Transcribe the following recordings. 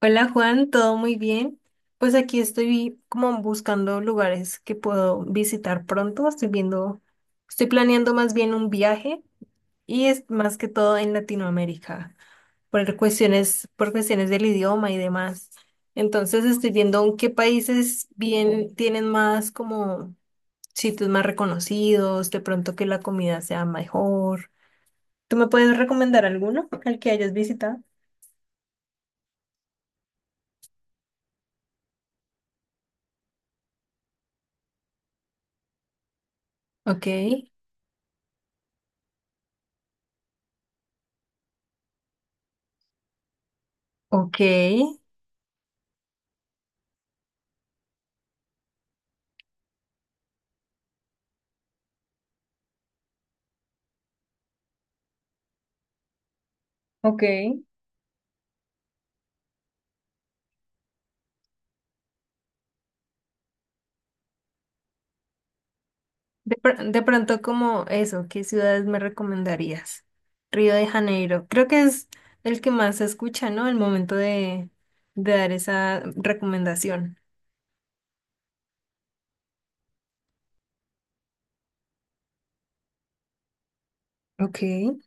Hola Juan, ¿todo muy bien? Pues aquí estoy como buscando lugares que puedo visitar pronto. Estoy viendo, estoy planeando más bien un viaje y es más que todo en Latinoamérica, por cuestiones del idioma y demás. Entonces estoy viendo en qué países bien tienen más como sitios más reconocidos, de pronto que la comida sea mejor. ¿Tú me puedes recomendar alguno al que hayas visitado? Ok, ok. Ok. De pronto como eso, ¿qué ciudades me recomendarías? Río de Janeiro. Creo que es el que más se escucha, ¿no? El momento de dar esa recomendación. Ok. Sí,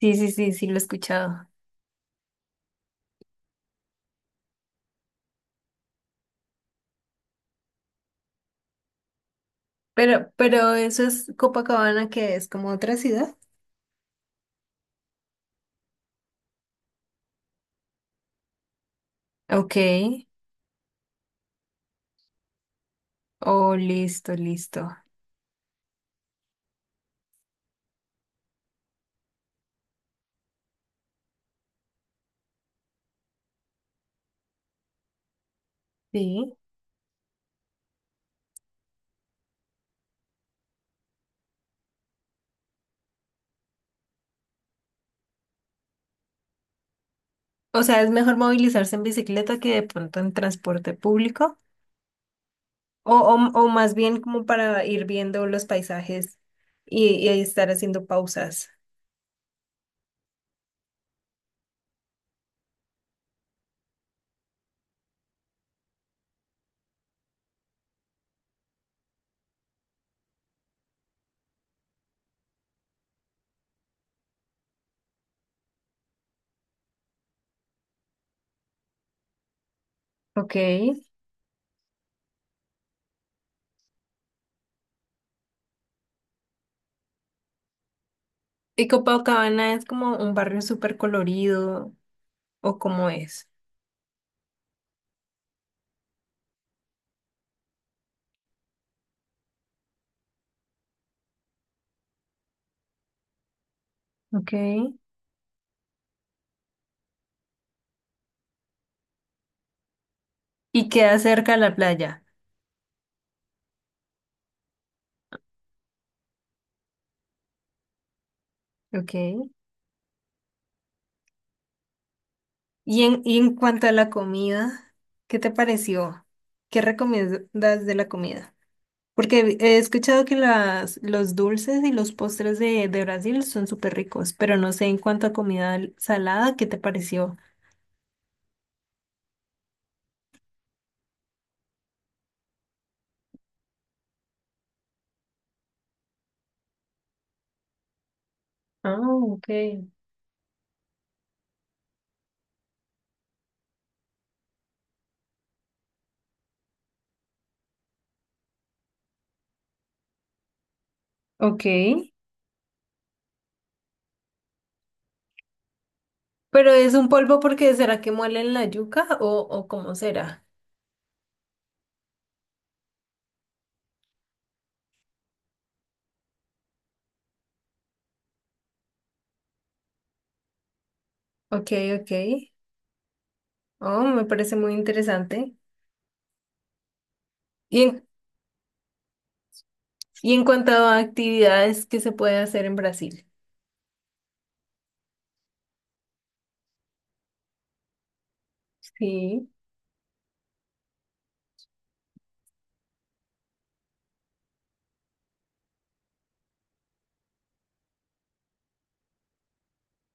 sí, sí, sí, lo he escuchado. Pero eso es Copacabana, que es como otra ciudad. Ok. Oh, listo, listo. Sí. O sea, es mejor movilizarse en bicicleta que de pronto en transporte público. O, o, o más bien como para ir viendo los paisajes y ahí estar haciendo pausas. Ok. ¿Y Copacabana es como un barrio súper colorido o cómo es? Ok. Y queda cerca a la playa. Ok. Y en cuanto a la comida, ¿qué te pareció? ¿Qué recomiendas de la comida? Porque he escuchado que los dulces y los postres de Brasil son súper ricos, pero no sé en cuanto a comida salada, ¿qué te pareció? Ah, ok. Ok. Pero es un polvo porque ¿será que muele en la yuca o cómo será? Ok, ok. Oh, me parece muy interesante. Y en, y en cuanto a actividades que se puede hacer en Brasil. Sí,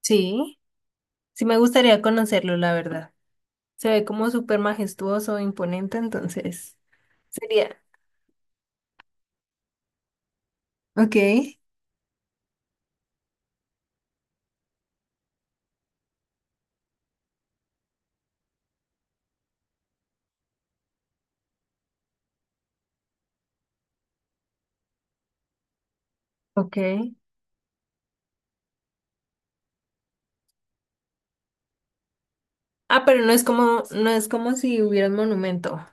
sí. Sí me gustaría conocerlo, la verdad. Se ve como súper majestuoso, imponente, entonces sería. Ok, ok. Ah, no es como si hubiera un monumento.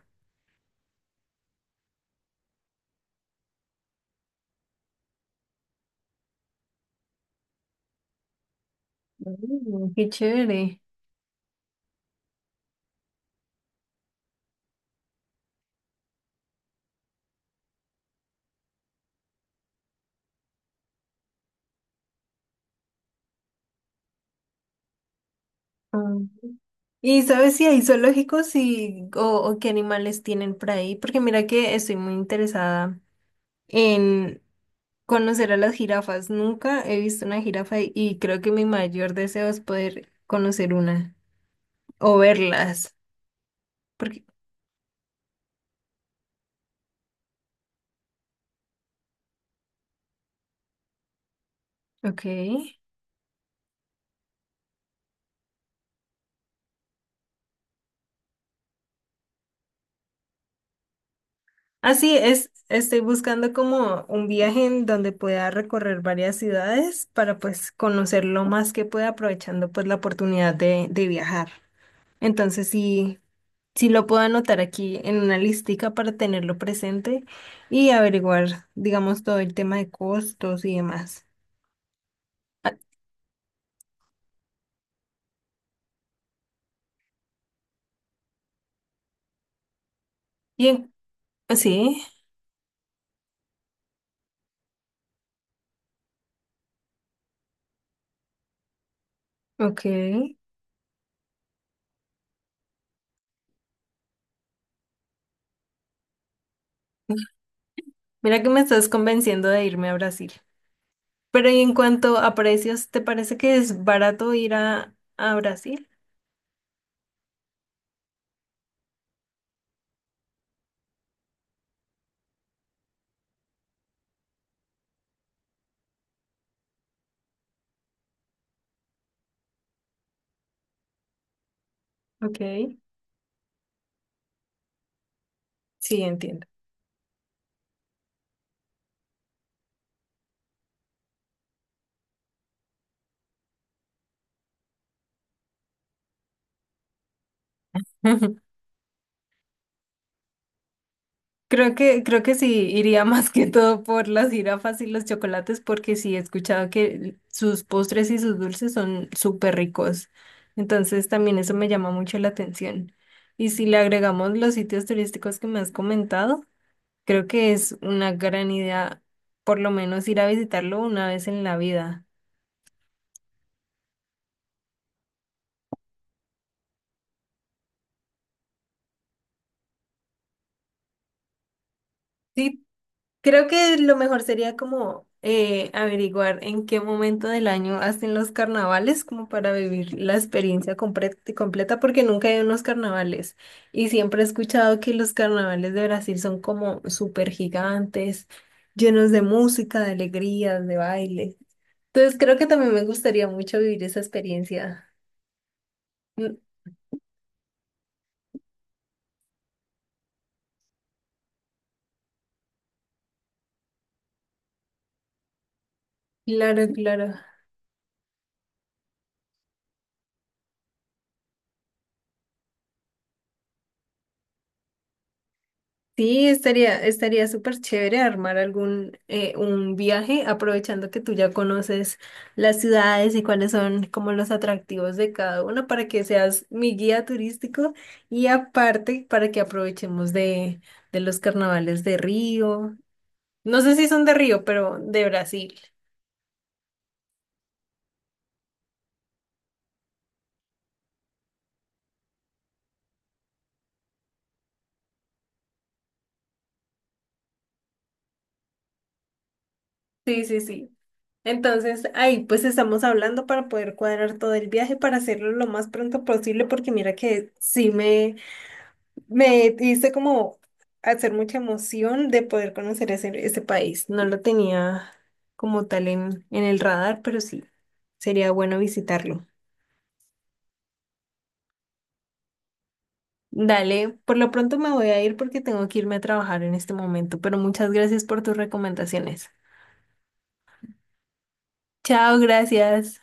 Mm, qué chévere. ¿Y sabes si hay zoológicos o qué animales tienen por ahí? Porque mira que estoy muy interesada en conocer a las jirafas. Nunca he visto una jirafa y creo que mi mayor deseo es poder conocer una o verlas. Porque, ok. Así es, estoy buscando como un viaje en donde pueda recorrer varias ciudades para pues conocer lo más que pueda aprovechando pues la oportunidad de viajar. Entonces sí, si lo puedo anotar aquí en una listica para tenerlo presente y averiguar, digamos, todo el tema de costos y demás. Y en- sí, ok. Mira que me estás convenciendo de irme a Brasil. Pero y en cuanto a precios, ¿te parece que es barato ir a Brasil? Ok, sí, entiendo. Creo que sí iría más que todo por las jirafas y los chocolates, porque sí he escuchado que sus postres y sus dulces son súper ricos. Entonces también eso me llama mucho la atención. Y si le agregamos los sitios turísticos que me has comentado, creo que es una gran idea por lo menos ir a visitarlo una vez en la vida. Sí, creo que lo mejor sería como averiguar en qué momento del año hacen los carnavales, como para vivir la experiencia completa, porque nunca he ido a unos carnavales. Y siempre he escuchado que los carnavales de Brasil son como súper gigantes, llenos de música, de alegrías, de baile. Entonces creo que también me gustaría mucho vivir esa experiencia. Mm, claro, claro. Sí, estaría súper chévere armar algún un viaje, aprovechando que tú ya conoces las ciudades y cuáles son como los atractivos de cada una para que seas mi guía turístico y aparte para que aprovechemos de los carnavales de Río. No sé si son de Río, pero de Brasil. Sí, sí, sí. Entonces, ahí pues estamos hablando para poder cuadrar todo el viaje, para hacerlo lo más pronto posible, porque mira que sí me... Me hice como hacer mucha emoción de poder conocer ese país. No lo tenía como tal en el radar, pero sí, sería bueno visitarlo. Dale, por lo pronto me voy a ir porque tengo que irme a trabajar en este momento, pero muchas gracias por tus recomendaciones. Chao, gracias.